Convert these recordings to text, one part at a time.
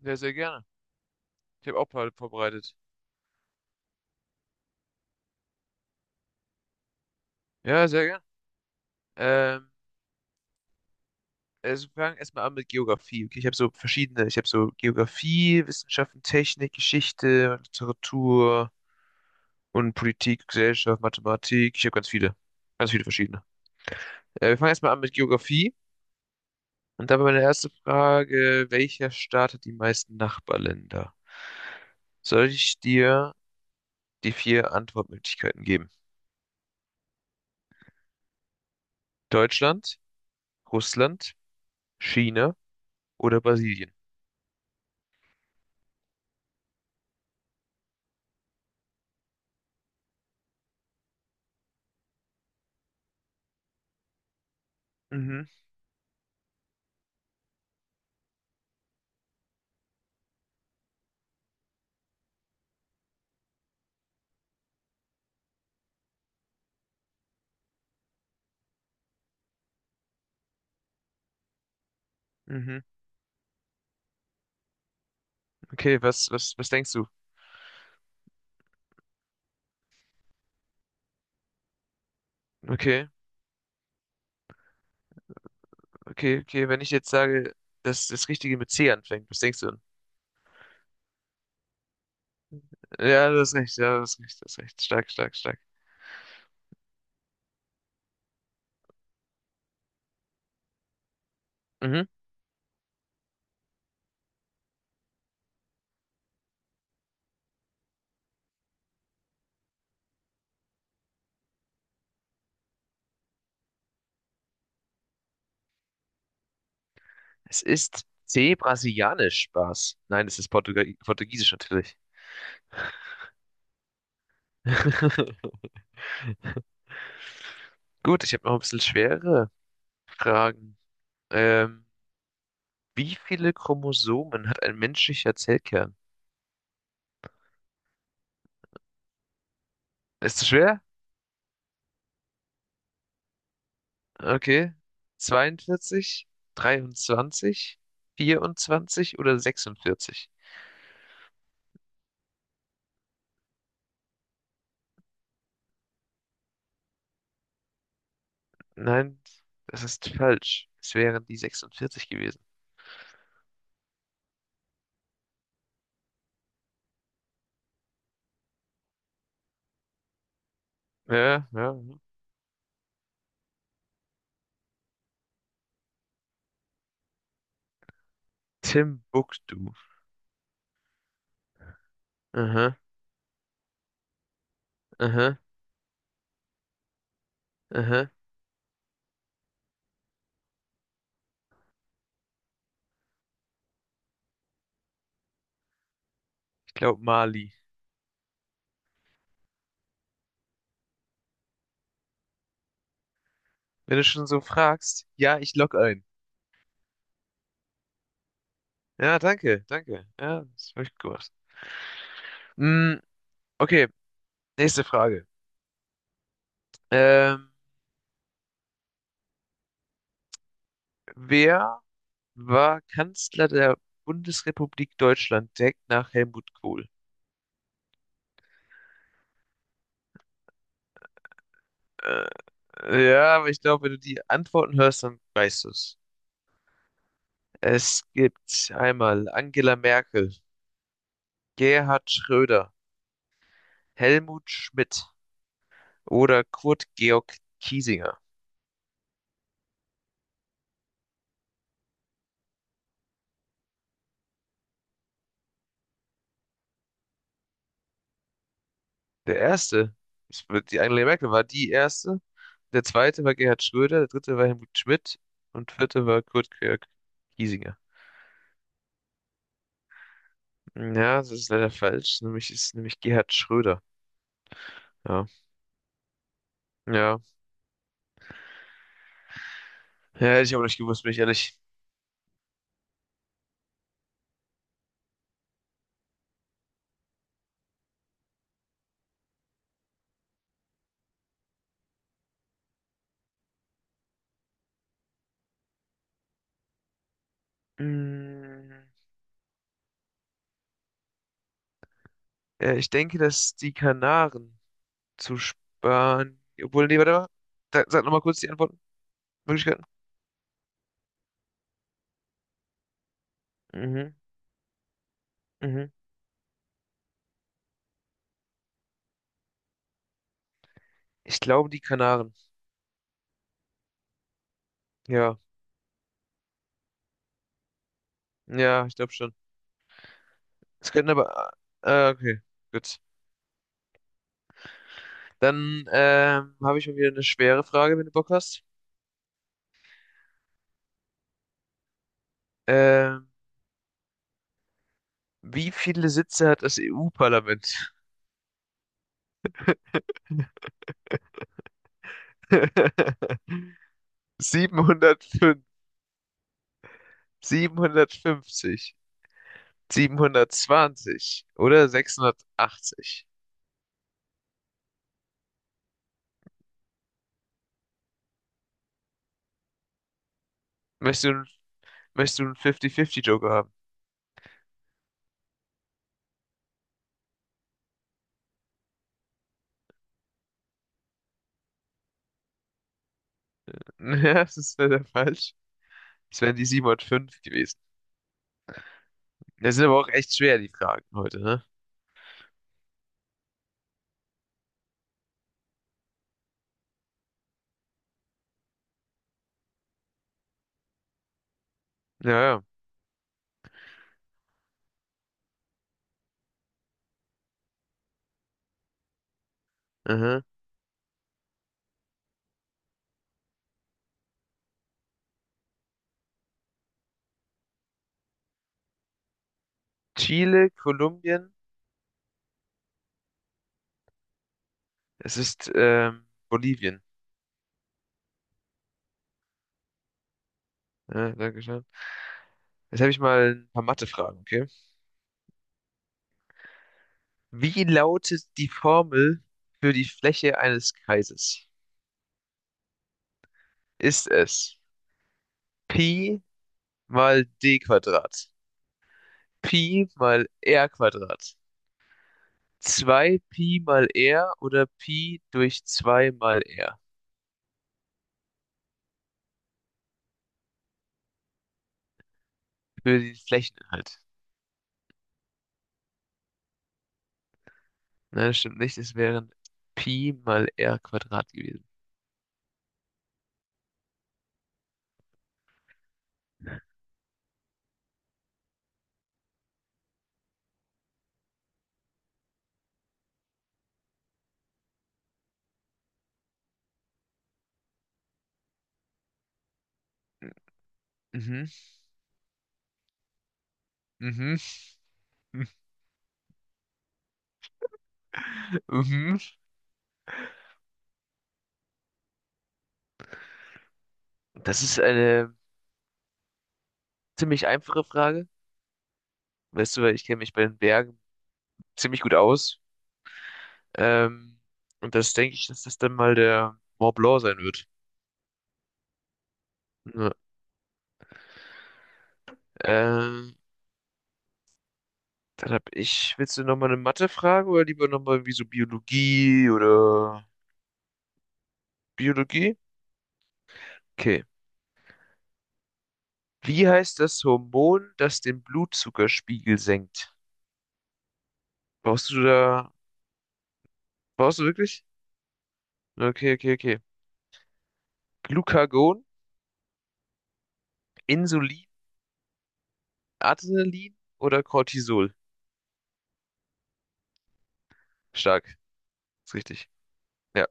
Sehr, sehr gerne. Ich habe auch ein paar vorbereitet. Ja, sehr gerne. Ähm, also wir fangen erstmal an mit Geografie. Okay, ich habe so verschiedene. Ich habe so Geografie, Wissenschaften, Technik, Geschichte, Literatur und Politik, Gesellschaft, Mathematik. Ich habe ganz viele. Ganz viele verschiedene. Wir fangen erstmal an mit Geografie. Und dabei meine erste Frage, welcher Staat hat die meisten Nachbarländer? Soll ich dir die vier Antwortmöglichkeiten geben? Deutschland, Russland, China oder Brasilien? Mhm, mhm. Okay, was denkst du? Okay, okay, okay, wenn ich jetzt sage, dass das Richtige mit C anfängt, was denkst du denn? Ja, das ist recht, ja, das ist recht, das ist recht. Stark, stark, stark. Mhm. Es ist C, brasilianisch, Spaß. Nein, es ist Portugal Portugiesisch natürlich. Gut, ich habe noch ein bisschen schwere Fragen. Ähm, wie viele Chromosomen hat ein menschlicher Zellkern? Ist zu schwer? Okay. 42, 23, 24 oder 46? Nein, das ist falsch. Es wären die 46 gewesen. Ja, ja, ja. Timbuktu. Aha, aha, aha. Ich glaube Mali. Wenn du schon so fragst, ja, ich log ein. Ja, danke, danke. Ja, das habe ich gewusst. Mm, okay, nächste Frage. Ähm, wer war Kanzler der Bundesrepublik Deutschland direkt nach Helmut Kohl? Äh, ja, aber ich glaube, wenn du die Antworten hörst, dann weißt du es. Es gibt einmal Angela Merkel, Gerhard Schröder, Helmut Schmidt oder Kurt Georg Kiesinger. Der erste, ist- die Angela Merkel war die erste, der zweite war Gerhard Schröder, der dritte war Helmut Schmidt und vierte war Kurt Georg Kiesinger. Ja, das ist leider falsch, nämlich ist nämlich Gerhard Schröder. Ja, ja, ja, hätte ich aber nicht gewusst, bin ich ehrlich. Mm, ich denke, dass die Kanaren zu sparen, obwohl, nee, warte mal. Da, sag nochmal kurz die Antwortmöglichkeiten. Mhm, mhm. Ich glaube, die Kanaren. Ja, ja, ich glaube schon. Es könnten aber. Okay, gut. Dann habe ich mal wieder eine schwere Frage, wenn du Bock hast. Ähm, wie viele Sitze hat das EU-Parlament? 705, 750, 720 oder 680? Möchtest du, möchtest du einen 50-50-Joker. Ja, das ist leider falsch. Es wären die 705 gewesen. Das sind aber auch echt schwer, die Fragen heute, ne? Ja, ja. Aha. Chile, Kolumbien, es ist Bolivien. Ja, danke schön. Jetzt habe ich mal ein paar Mathe-Fragen, okay? Wie lautet die Formel für die Fläche eines Kreises? Ist es Pi mal D Quadrat, Pi mal R Quadrat, 2 Pi mal R oder Pi durch 2 mal R für den Flächeninhalt? Nein, das stimmt nicht. Es wären Pi mal R Quadrat gewesen. Mhm, mhm, mhm. Das ist eine ziemlich einfache Frage. Weißt du, weil ich kenne mich bei den Bergen ziemlich gut aus. Ähm, und das denke ich, dass das dann mal der Mont Blanc sein wird. Ja. Ähm, dann hab ich, willst du nochmal eine Mathe-Frage oder lieber nochmal irgendwie so Biologie oder Biologie? Okay. Wie heißt das Hormon, das den Blutzuckerspiegel senkt? Brauchst du da, brauchst du wirklich? Okay, okay, okay. Glucagon, Insulin, Adrenalin oder Cortisol? Stark, ist richtig. Ja.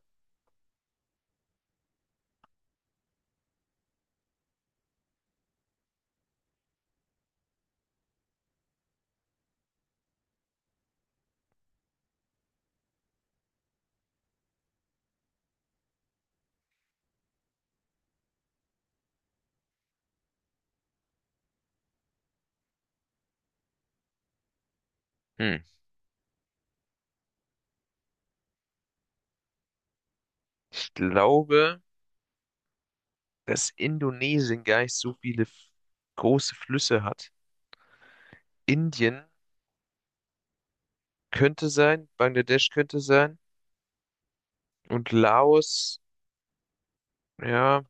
Hm. Ich glaube, dass Indonesien gar nicht so viele große Flüsse hat. Indien könnte sein, Bangladesch könnte sein und Laos, ja.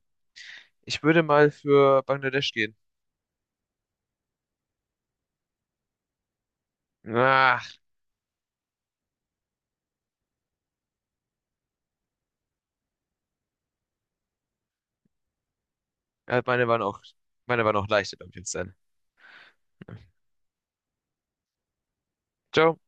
Ich würde mal für Bangladesch gehen. Ah, ja, meine waren auch leichter, glaube ich, jetzt sein. Ciao.